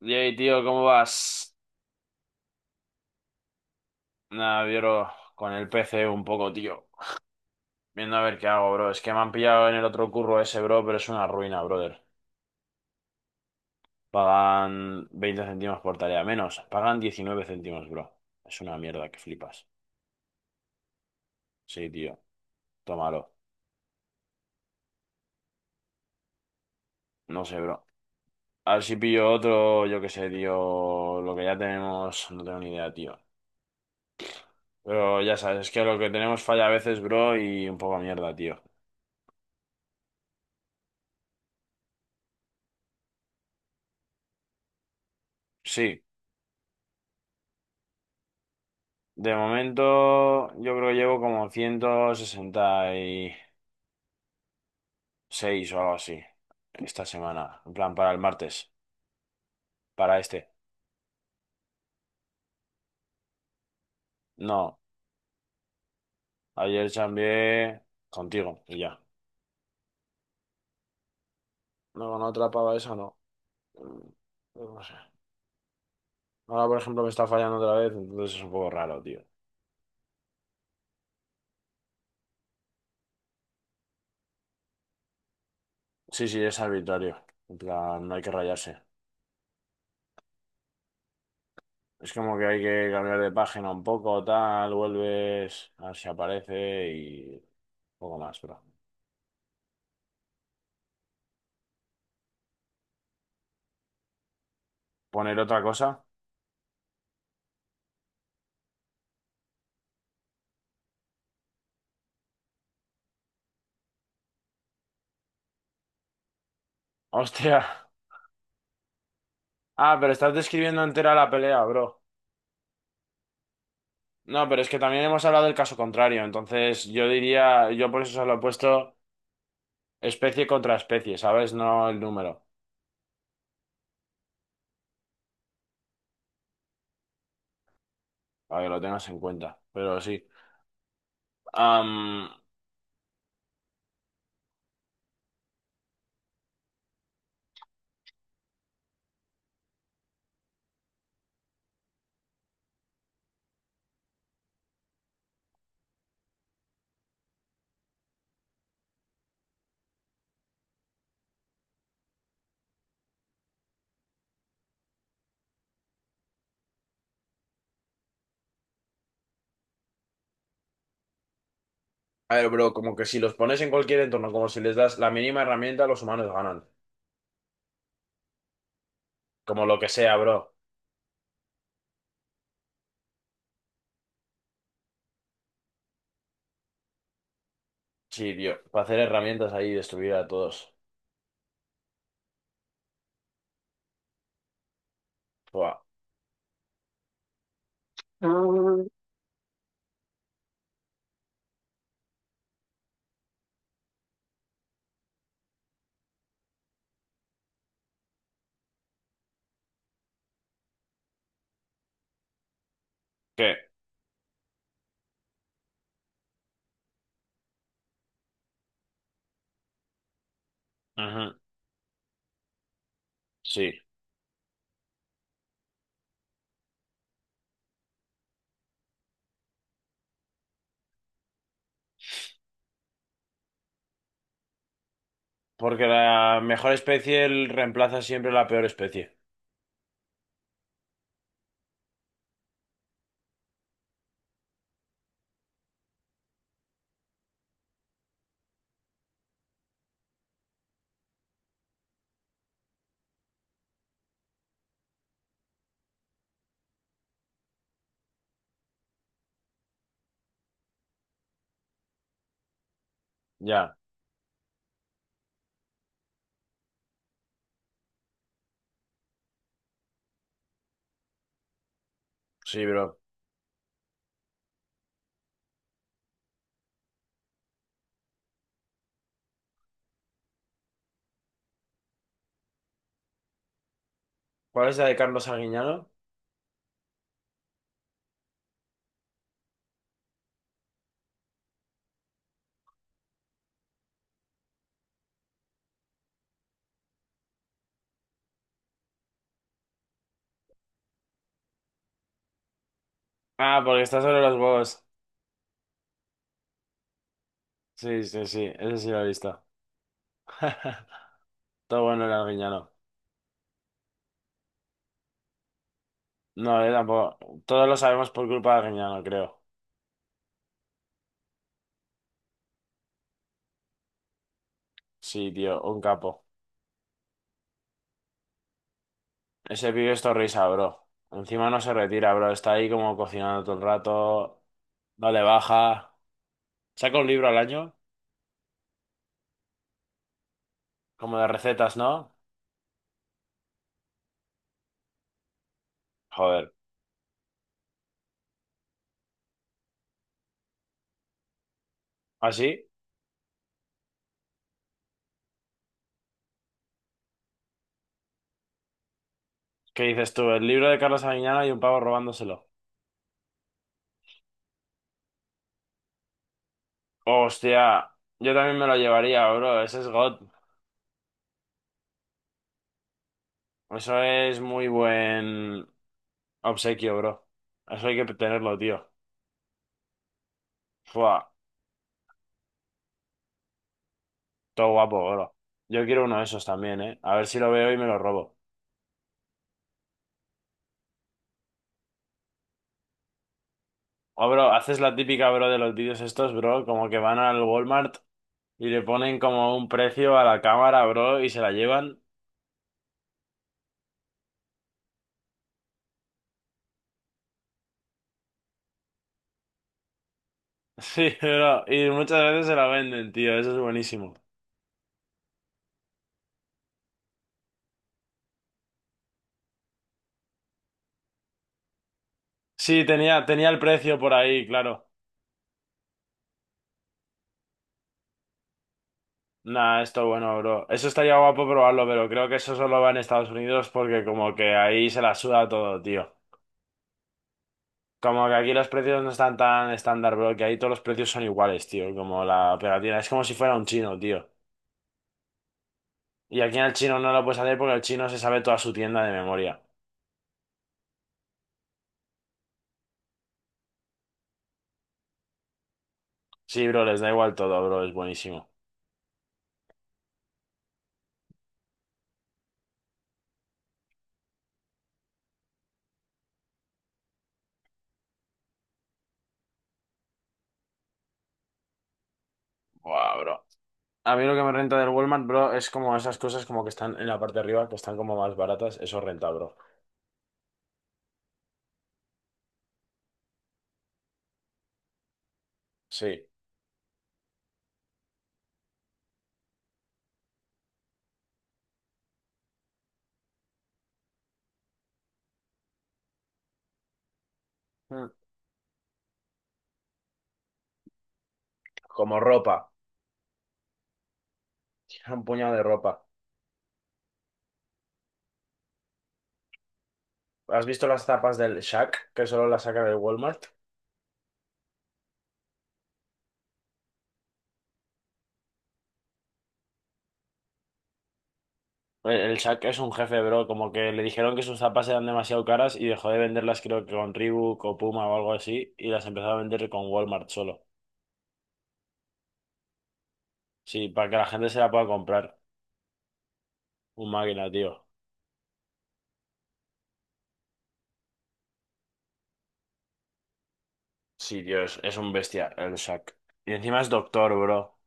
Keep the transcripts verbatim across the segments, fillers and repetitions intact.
Yay, tío, ¿cómo vas? Nada, bro, con el P C un poco, tío. Viendo a ver qué hago, bro. Es que me han pillado en el otro curro ese, bro, pero es una ruina, brother. Pagan veinte céntimos por tarea, menos. Pagan diecinueve céntimos, bro. Es una mierda que flipas. Sí, tío, tómalo. No sé, bro. A ver si pillo otro, yo qué sé, tío. Lo que ya tenemos, no tengo ni idea, tío. Pero ya sabes, es que lo que tenemos falla a veces, bro, y un poco mierda, tío. Sí. De momento, yo creo que llevo como ciento sesenta y seis o algo así esta semana. En plan, para el martes, para este. No, ayer chambeé contigo y ya. No, con otra pava esa no. Mm, No sé. Ahora, por ejemplo, me está fallando otra vez, entonces es un poco raro, tío. Sí, sí, es arbitrario. En plan, no hay que rayarse. Es como que hay que cambiar de página un poco, tal, vuelves, a ver si aparece y poco más, pero. Poner otra cosa. Hostia. Ah, pero estás describiendo entera la pelea, bro. No, pero es que también hemos hablado del caso contrario, entonces yo diría, yo por eso solo he puesto especie contra especie, ¿sabes? No el número, para que lo tengas en cuenta, pero sí. Am, a ver, bro, como que si los pones en cualquier entorno, como si les das la mínima herramienta, los humanos ganan. Como lo que sea, bro. Sí, tío, para hacer herramientas ahí y destruir a todos. Buah. ¿Qué? Ujú, sí, porque la mejor especie el- reemplaza siempre la peor especie. Ya, sí, bro. ¿Cuál es la de Carlos Arguiñano? Ah, porque está sobre los huevos. Sí, sí, sí, ese sí lo he visto. Todo bueno el Arguiñano. No, yo tampoco. Todos lo sabemos por culpa de Arguiñano, creo. Sí, tío, un capo. Ese pibe es risa, bro. Encima no se retira, bro. Está ahí como cocinando todo el rato. No le baja. Saca un libro al año, como de recetas, ¿no? Joder. ¿Así? ¿Qué dices tú? El libro de Carlos Arguiñano y un pavo robándoselo. Hostia, yo también me lo llevaría, bro. Ese es God. Eso es muy buen obsequio, bro. Eso hay que tenerlo, tío. Fua, todo guapo, bro. Yo quiero uno de esos también, ¿eh? A ver si lo veo y me lo robo. O, bro, haces la típica, bro, de los vídeos estos, bro, como que van al Walmart y le ponen como un precio a la cámara, bro, y se la llevan. Sí, bro, y muchas veces se la venden, tío, eso es buenísimo. Sí, tenía, tenía el precio por ahí, claro. Nah, esto bueno, bro. Eso estaría guapo probarlo, pero creo que eso solo va en Estados Unidos porque como que ahí se la suda todo, tío. Como que aquí los precios no están tan estándar, bro, que ahí todos los precios son iguales, tío. Como la pegatina. Es como si fuera un chino, tío. Y aquí en el chino no lo puedes hacer porque el chino se sabe toda su tienda de memoria. Sí, bro, les da igual todo, bro. Es buenísimo. Buah, bro. A mí lo que me renta del Walmart, bro, es como esas cosas como que están en la parte de arriba, que están como más baratas. Eso renta, bro. Sí. Mm. Como ropa. Un puñado de ropa. ¿Has visto las tapas del Shaq, que solo las sacan del Walmart? El, el Shaq es un jefe, bro. Como que le dijeron que sus zapas eran demasiado caras y dejó de venderlas, creo que con Reebok o Puma o algo así, y las empezó a vender con Walmart solo. Sí, para que la gente se la pueda comprar. Un máquina, tío. Sí, tío, es, es un bestia el Shaq. Y encima es doctor, bro.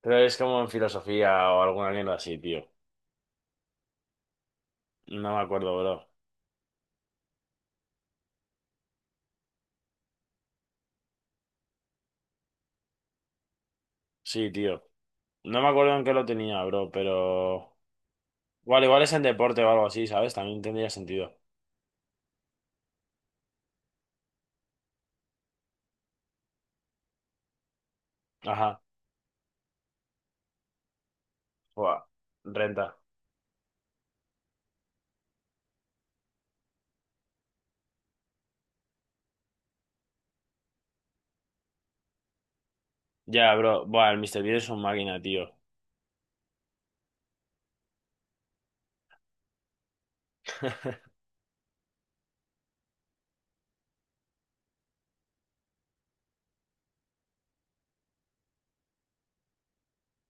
Pero es como en filosofía o alguna mierda así, tío. No me acuerdo, bro. Sí, tío. No me acuerdo en qué lo tenía, bro, pero... Igual, igual es en deporte o algo así, ¿sabes? También tendría sentido. Ajá, buah, renta. Ya, bro, buah, el míster Bean es un máquina, tío.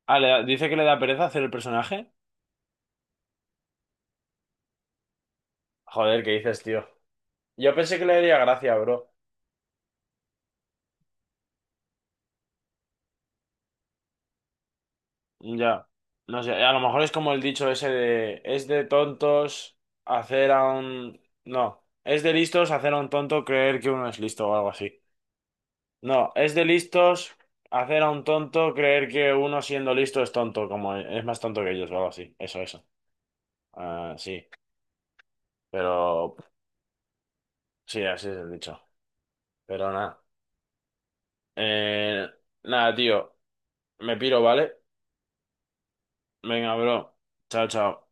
Ah, le da- dice que le da pereza hacer el personaje. Joder, ¿qué dices, tío? Yo pensé que le daría gracia, bro. Ya, no sé, a lo mejor es como el dicho ese de, es de tontos hacer a un... No, es de listos hacer a un tonto creer que uno es listo o algo así. No, es de listos hacer a un tonto creer que uno siendo listo es tonto, como es más tonto que ellos o algo así. Eso, eso. Ah, sí, pero sí, así es el dicho. Pero nada. Eh, nada, tío. Me piro, ¿vale? Venga, bro. Chao, chao.